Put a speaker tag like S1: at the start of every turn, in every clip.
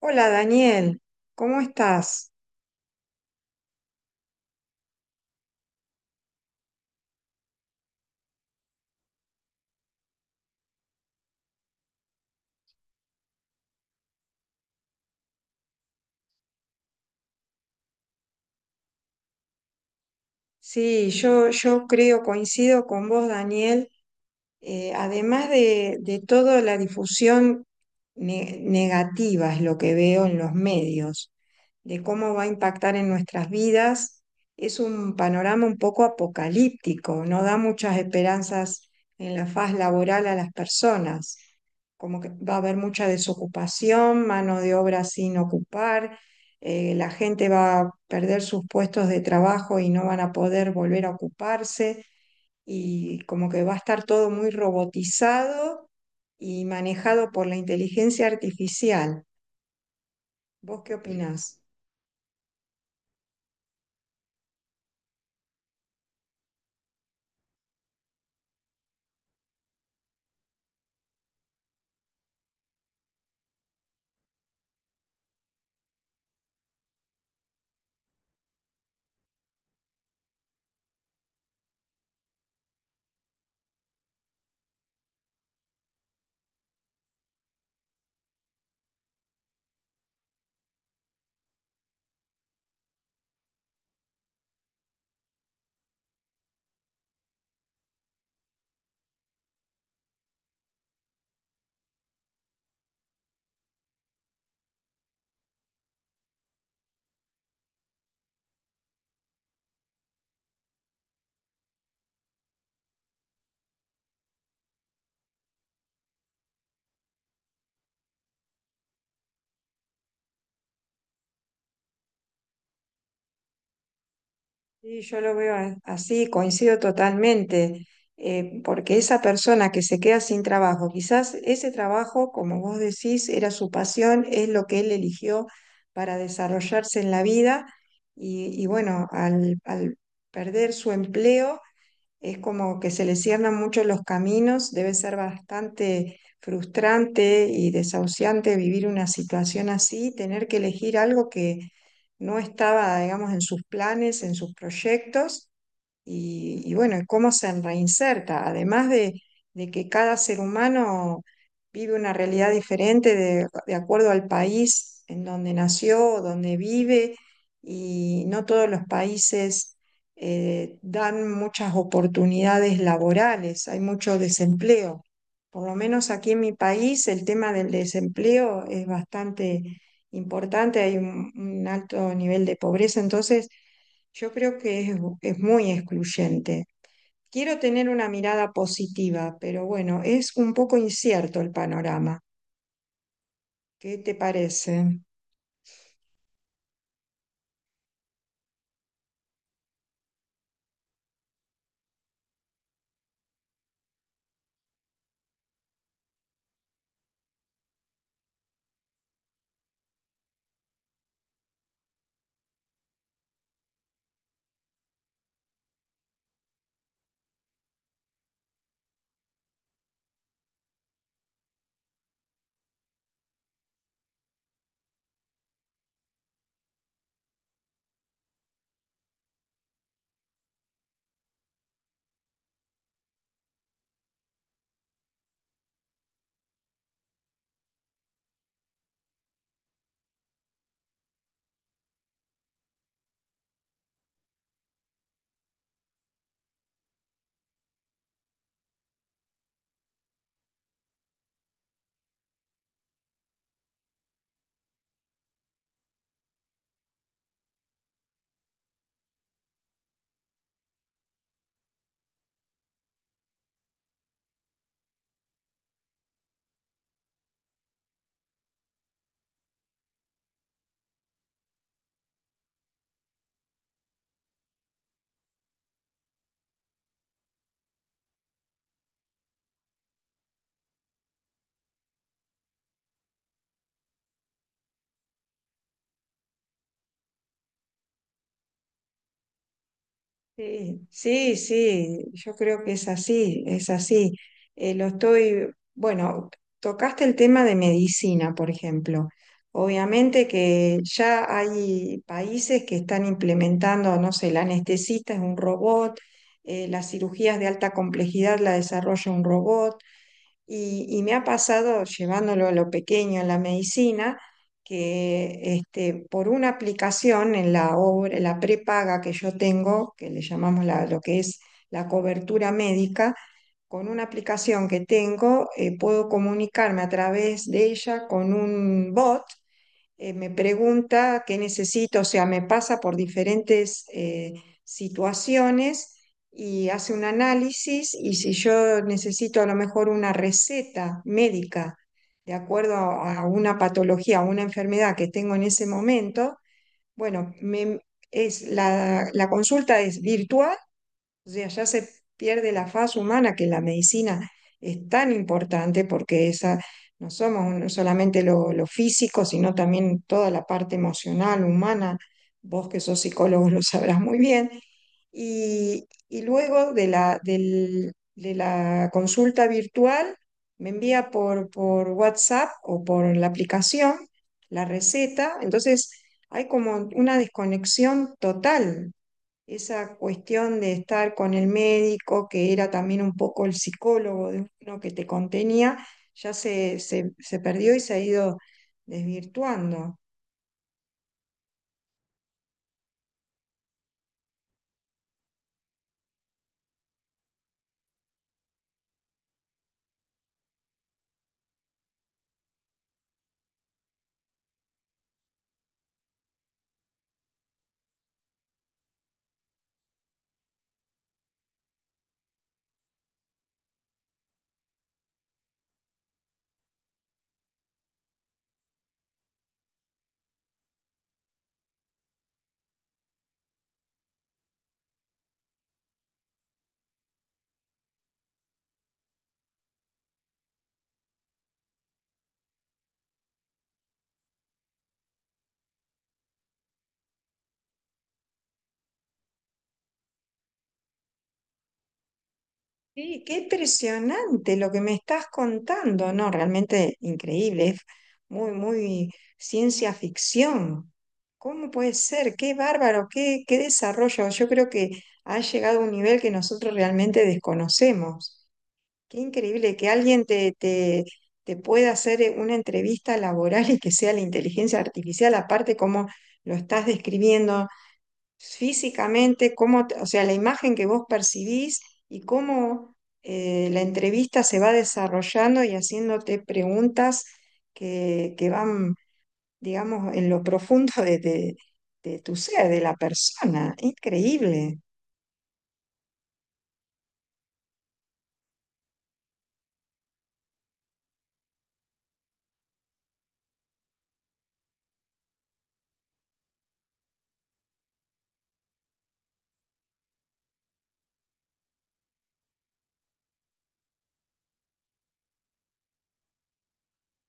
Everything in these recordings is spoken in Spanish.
S1: Hola Daniel, ¿cómo estás? Sí, yo creo, coincido con vos, Daniel. Además de toda la difusión negativa, es lo que veo en los medios, de cómo va a impactar en nuestras vidas, es un panorama un poco apocalíptico, no da muchas esperanzas en la faz laboral a las personas, como que va a haber mucha desocupación, mano de obra sin ocupar. La gente va a perder sus puestos de trabajo y no van a poder volver a ocuparse, y como que va a estar todo muy robotizado y manejado por la inteligencia artificial. ¿Vos qué opinás? Sí, yo lo veo así, coincido totalmente. Porque esa persona que se queda sin trabajo, quizás ese trabajo, como vos decís, era su pasión, es lo que él eligió para desarrollarse en la vida. Y bueno, al perder su empleo, es como que se le cierran mucho los caminos. Debe ser bastante frustrante y desahuciante vivir una situación así, tener que elegir algo que no estaba, digamos, en sus planes, en sus proyectos. Y bueno, ¿y cómo se reinserta? Además de que cada ser humano vive una realidad diferente de acuerdo al país en donde nació, donde vive, y no todos los países dan muchas oportunidades laborales, hay mucho desempleo. Por lo menos aquí en mi país el tema del desempleo es bastante importante, hay un alto nivel de pobreza. Entonces yo creo que es muy excluyente. Quiero tener una mirada positiva, pero bueno, es un poco incierto el panorama. ¿Qué te parece? Sí, sí, sí, yo creo que es así, es así. Eh, lo estoy, bueno, Tocaste el tema de medicina, por ejemplo. Obviamente que ya hay países que están implementando, no sé, el anestesista es un robot. Las cirugías de alta complejidad la desarrolla un robot. Y me ha pasado, llevándolo a lo pequeño, a la medicina, que este, por una aplicación en la obra, la prepaga que yo tengo, que le llamamos lo que es la cobertura médica, con una aplicación que tengo, puedo comunicarme a través de ella con un bot. Me pregunta qué necesito, o sea, me pasa por diferentes situaciones y hace un análisis, y si yo necesito a lo mejor una receta médica de acuerdo a una patología, a una enfermedad que tengo en ese momento, bueno, es la consulta es virtual. O sea, ya se pierde la faz humana, que la medicina es tan importante porque esa, no somos no solamente lo físico, sino también toda la parte emocional, humana. Vos que sos psicólogo lo sabrás muy bien. Y y luego de de la consulta virtual, me envía por WhatsApp o por la aplicación la receta. Entonces, hay como una desconexión total, esa cuestión de estar con el médico, que era también un poco el psicólogo de uno que te contenía, ya se perdió y se ha ido desvirtuando. Sí, qué impresionante lo que me estás contando, ¿no? Realmente increíble, es muy, muy ciencia ficción. ¿Cómo puede ser? Qué bárbaro, qué, qué desarrollo. Yo creo que ha llegado a un nivel que nosotros realmente desconocemos. Qué increíble que alguien te pueda hacer una entrevista laboral y que sea la inteligencia artificial. Aparte cómo lo estás describiendo físicamente, cómo, o sea, la imagen que vos percibís y cómo la entrevista se va desarrollando y haciéndote preguntas que van, digamos, en lo profundo de tu ser, de la persona. Increíble.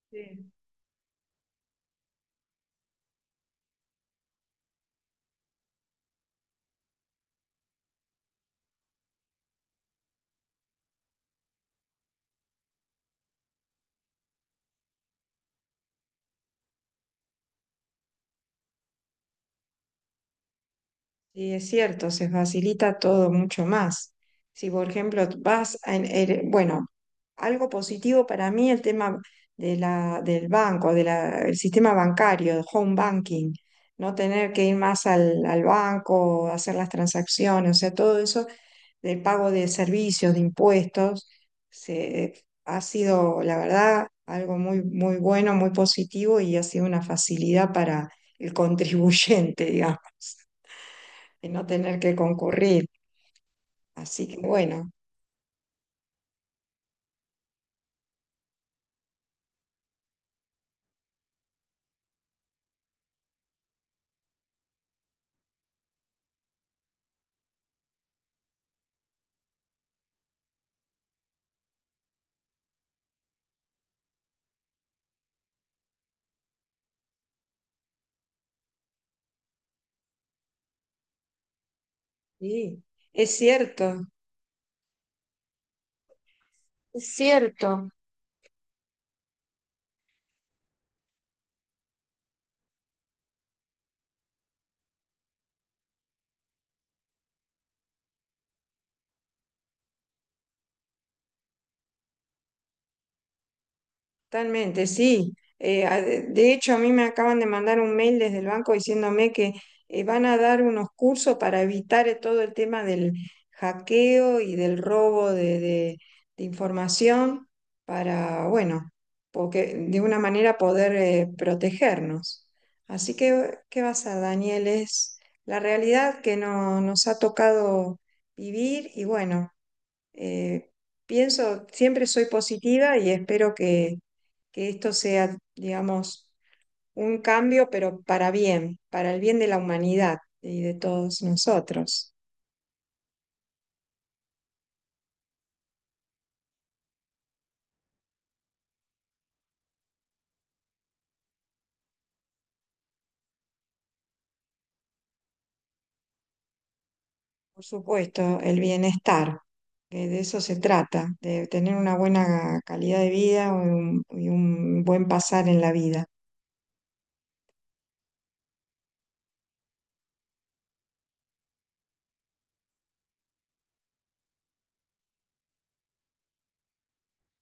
S1: Sí. Sí, es cierto, se facilita todo mucho más. Si, por ejemplo, vas a... bueno, algo positivo para mí el tema de del banco, del sistema bancario, el home banking, no tener que ir más al banco, hacer las transacciones, o sea, todo eso del pago de servicios, de impuestos, se, ha sido, la verdad, algo muy, muy bueno, muy positivo, y ha sido una facilidad para el contribuyente, digamos, de no tener que concurrir. Así que bueno, sí, es cierto, es cierto. Totalmente, sí. De hecho, a mí me acaban de mandar un mail desde el banco diciéndome que van a dar unos cursos para evitar todo el tema del hackeo y del robo de información para, bueno, porque de una manera poder protegernos. Así que, ¿qué vas a, Daniel? Es la realidad que nos ha tocado vivir y bueno. Eh, Pienso, siempre soy positiva y espero que esto sea, digamos, un cambio, pero para bien, para el bien de la humanidad y de todos nosotros. Por supuesto, el bienestar, que de eso se trata, de tener una buena calidad de vida y y un buen pasar en la vida.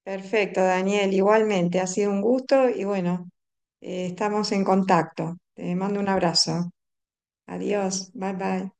S1: Perfecto, Daniel, igualmente, ha sido un gusto y bueno, estamos en contacto. Te mando un abrazo. Adiós, bye bye.